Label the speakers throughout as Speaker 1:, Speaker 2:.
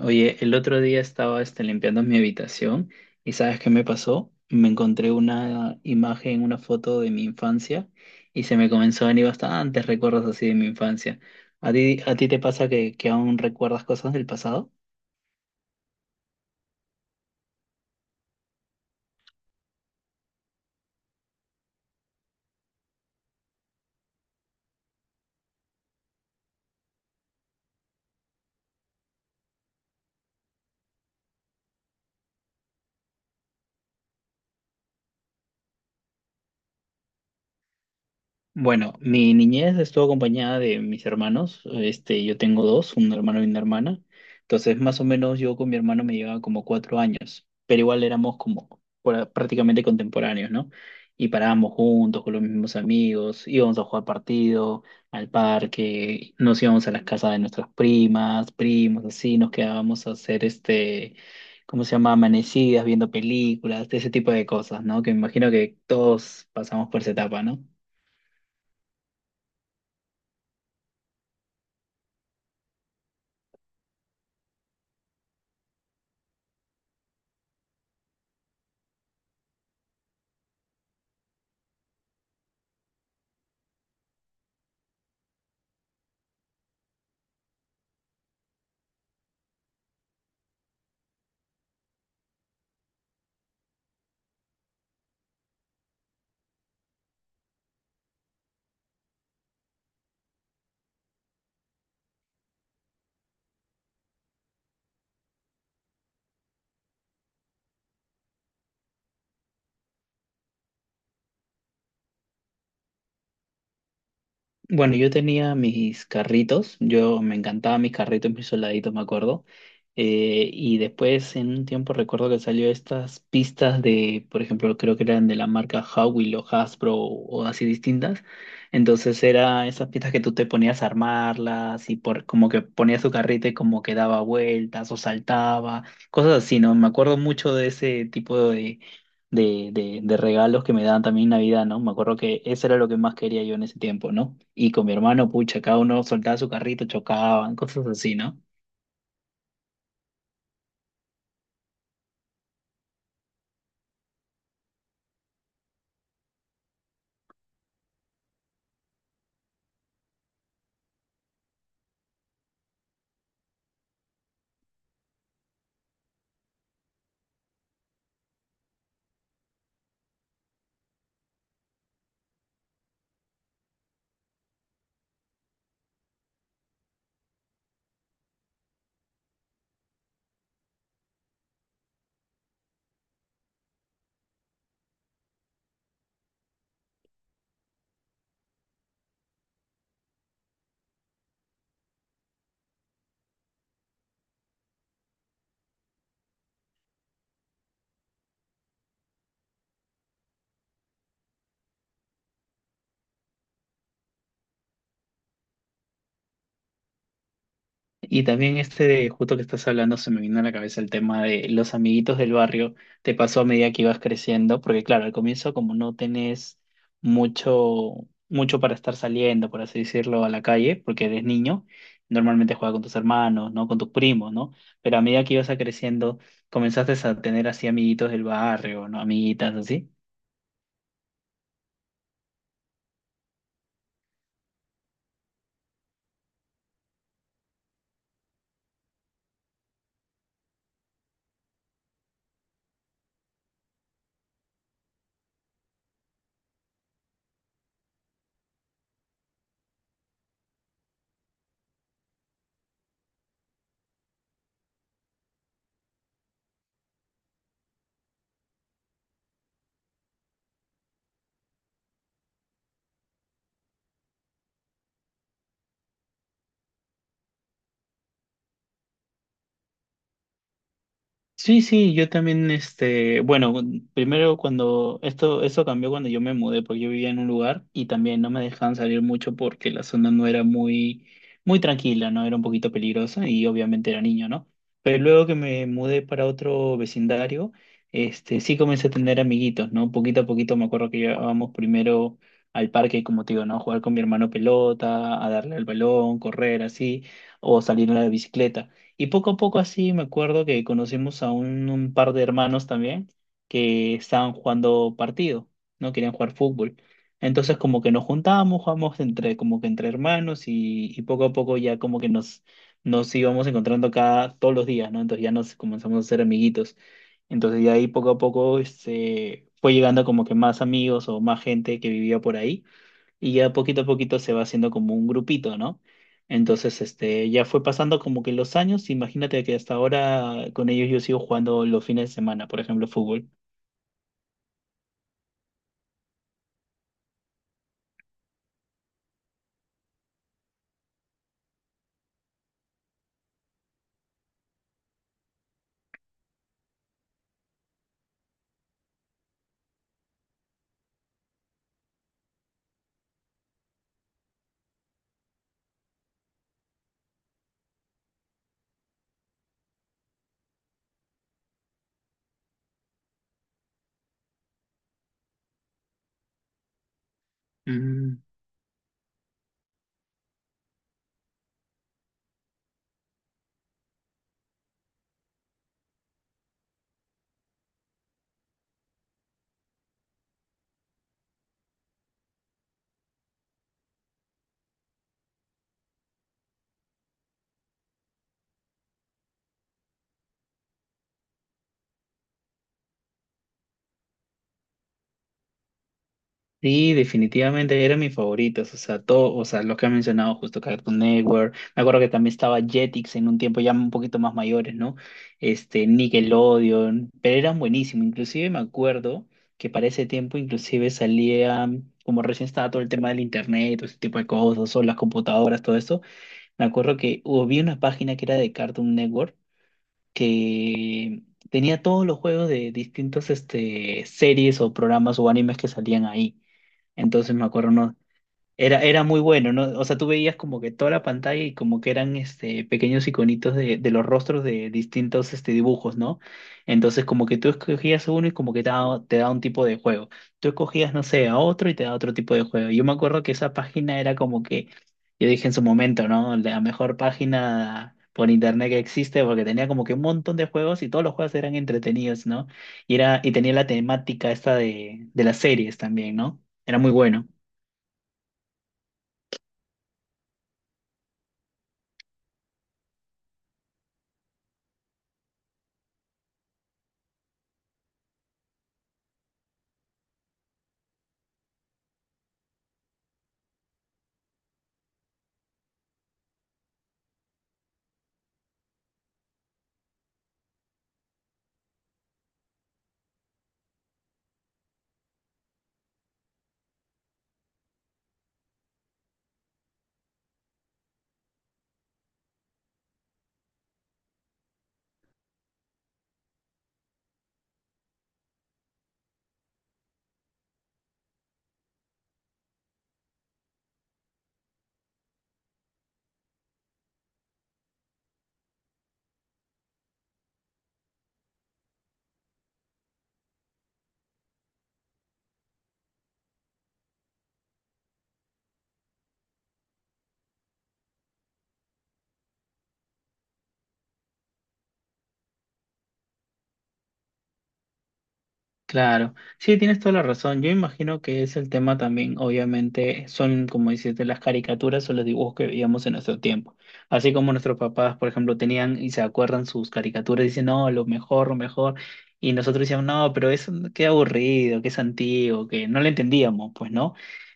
Speaker 1: Oye, el otro día estaba limpiando mi habitación y ¿sabes qué me pasó? Me encontré una imagen, una foto de mi infancia y se me comenzó a venir bastantes recuerdos así de mi infancia. A ti te pasa que aún recuerdas cosas del pasado? Bueno, mi niñez estuvo acompañada de mis hermanos. Yo tengo dos, un hermano y una hermana. Entonces, más o menos yo con mi hermano me llevaba como cuatro años, pero igual éramos como prácticamente contemporáneos, ¿no? Y parábamos juntos con los mismos amigos, íbamos a jugar partido, al parque, nos íbamos a las casas de nuestras primas, primos, así, nos quedábamos a hacer ¿cómo se llama? Amanecidas, viendo películas, ese tipo de cosas, ¿no? Que me imagino que todos pasamos por esa etapa, ¿no? Bueno, yo tenía mis carritos, yo me encantaba mis carritos, mis soldaditos, me acuerdo. Y después en un tiempo recuerdo que salió estas pistas de, por ejemplo, creo que eran de la marca Howie o Hasbro o así distintas. Entonces era esas pistas que tú te ponías a armarlas y por como que ponías tu carrito y como que daba vueltas o saltaba, cosas así, ¿no? Me acuerdo mucho de ese tipo de regalos que me daban también en Navidad, ¿no? Me acuerdo que eso era lo que más quería yo en ese tiempo, ¿no? Y con mi hermano, pucha, cada uno soltaba su carrito, chocaban, cosas así, ¿no? Y también justo que estás hablando, se me vino a la cabeza el tema de los amiguitos del barrio. Te pasó a medida que ibas creciendo, porque claro, al comienzo como no tenés mucho, mucho para estar saliendo, por así decirlo, a la calle, porque eres niño, normalmente juegas con tus hermanos, ¿no? Con tus primos, ¿no? Pero a medida que ibas a creciendo, comenzaste a tener así amiguitos del barrio, ¿no? Amiguitas así. Sí, sí, yo también, bueno, primero cuando esto cambió cuando yo me mudé, porque yo vivía en un lugar y también no me dejaban salir mucho porque la zona no era muy tranquila, ¿no? Era un poquito peligrosa y obviamente era niño, ¿no? Pero luego que me mudé para otro vecindario, sí comencé a tener amiguitos, ¿no? Poquito a poquito me acuerdo que íbamos primero al parque, como te digo, ¿no? A jugar con mi hermano pelota, a darle al balón, correr así, o salir a la bicicleta. Y poco a poco así me acuerdo que conocimos a un par de hermanos también que estaban jugando partido, no querían jugar fútbol. Entonces como que nos juntábamos, jugábamos entre, como que entre hermanos y poco a poco ya como que nos íbamos encontrando cada, todos los días, ¿no? Entonces ya nos comenzamos a hacer amiguitos. Entonces de ahí poco a poco fue llegando como que más amigos o más gente que vivía por ahí y ya poquito a poquito se va haciendo como un grupito, ¿no? Entonces, ya fue pasando como que los años, imagínate que hasta ahora con ellos yo sigo jugando los fines de semana, por ejemplo, fútbol. Mm. Sí, definitivamente eran mis favoritos, o sea, todo, o sea, los que han mencionado justo Cartoon Network, me acuerdo que también estaba Jetix en un tiempo ya un poquito más mayores, ¿no? Nickelodeon, pero eran buenísimos, inclusive me acuerdo que para ese tiempo inclusive salía, como recién estaba todo el tema del internet, todo ese tipo de cosas, o las computadoras, todo eso, me acuerdo que había una página que era de Cartoon Network que tenía todos los juegos de distintos, series o programas o animes que salían ahí. Entonces me acuerdo, no, era muy bueno, ¿no? O sea, tú veías como que toda la pantalla y como que eran pequeños iconitos de los rostros de distintos dibujos, ¿no? Entonces, como que tú escogías uno y como que te da un tipo de juego. Tú escogías, no sé, a otro y te da otro tipo de juego. Yo me acuerdo que esa página era como que, yo dije en su momento, ¿no? La mejor página por internet que existe porque tenía como que un montón de juegos y todos los juegos eran entretenidos, ¿no? Y, era, y tenía la temática esta de las series también, ¿no? Era muy bueno. Claro, sí, tienes toda la razón. Yo imagino que es el tema también, obviamente, son, como dices, de las caricaturas o los dibujos que veíamos en nuestro tiempo. Así como nuestros papás, por ejemplo, tenían y se acuerdan sus caricaturas dicen, no, lo mejor, lo mejor. Y nosotros decíamos, no, pero eso qué aburrido, qué es antiguo, que no lo entendíamos, pues, ¿no?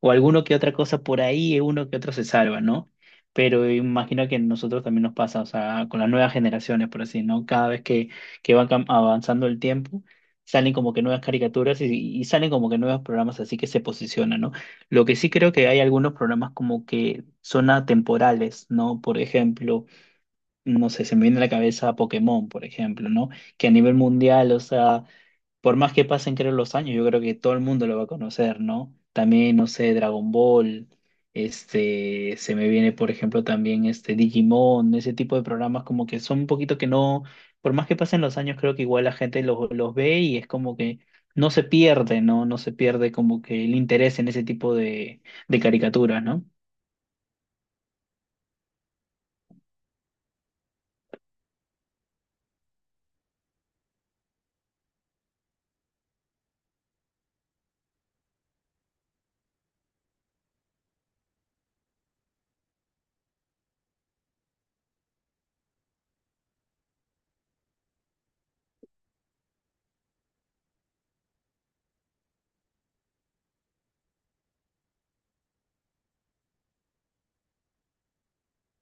Speaker 1: O alguno que otra cosa por ahí, uno que otro se salva, ¿no? Pero imagino que a nosotros también nos pasa, o sea, con las nuevas generaciones, por así, ¿no? Cada vez que avanzando el tiempo salen como que nuevas caricaturas y salen como que nuevos programas así que se posicionan, ¿no? Lo que sí creo que hay algunos programas como que son atemporales, ¿no? Por ejemplo, no sé, se me viene a la cabeza Pokémon, por ejemplo, ¿no? Que a nivel mundial, o sea por más que pasen, creo, los años, yo creo que todo el mundo lo va a conocer, ¿no? También, no sé, Dragon Ball, se me viene, por ejemplo, también este Digimon, ese tipo de programas como que son un poquito que no, por más que pasen los años, creo que igual la gente los ve y es como que no se pierde, ¿no? No se pierde como que el interés en ese tipo de caricaturas, ¿no?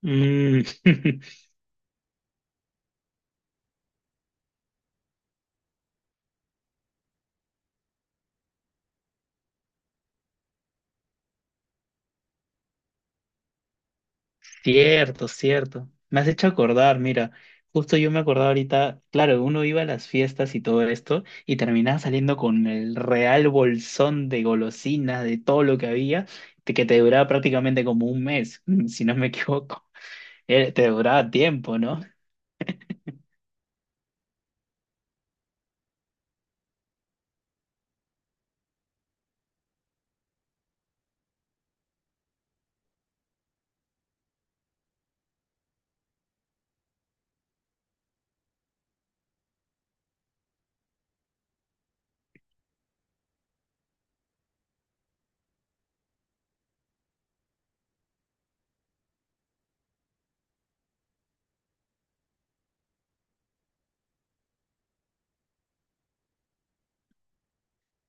Speaker 1: Mm. Cierto, cierto. Me has hecho acordar, mira, justo yo me acordaba ahorita, claro, uno iba a las fiestas y todo esto y terminaba saliendo con el real bolsón de golosinas, de todo lo que había, que te duraba prácticamente como un mes, si no me equivoco. Te duraba tiempo, ¿no?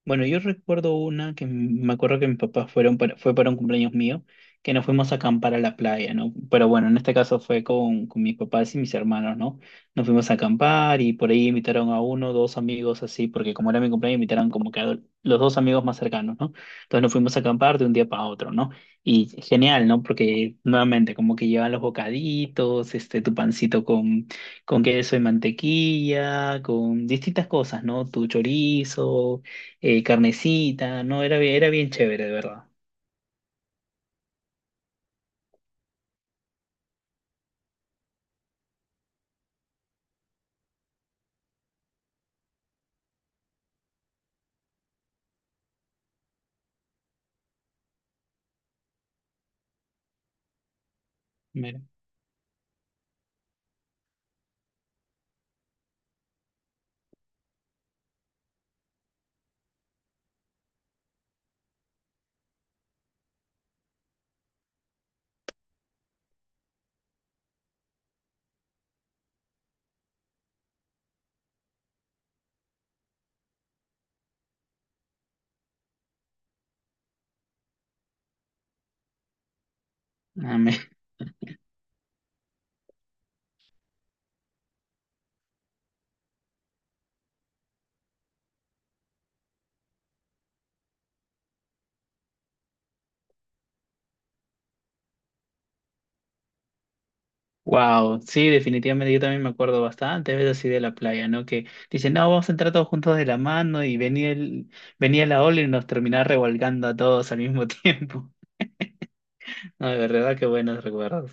Speaker 1: Bueno, yo recuerdo una que me acuerdo que mis papás fueron fue para un cumpleaños mío, que nos fuimos a acampar a la playa, ¿no? Pero bueno, en este caso fue con mis papás y mis hermanos, ¿no? Nos fuimos a acampar y por ahí invitaron a uno, dos amigos así, porque como era mi cumpleaños, invitaron como que a los dos amigos más cercanos, ¿no? Entonces nos fuimos a acampar de un día para otro, ¿no? Y genial, ¿no? Porque nuevamente, como que llevan los bocaditos, tu pancito con queso y mantequilla, con distintas cosas, ¿no? Tu chorizo carnecita, no, era, era bien chévere, de verdad. Mira, ah, wow, sí, definitivamente yo también me acuerdo bastante veces así de la playa, ¿no? Que dicen, no, vamos a entrar todos juntos de la mano y venía venía la ola y nos terminaba revolcando a todos al mismo tiempo. No, de verdad que buenos recuerdos.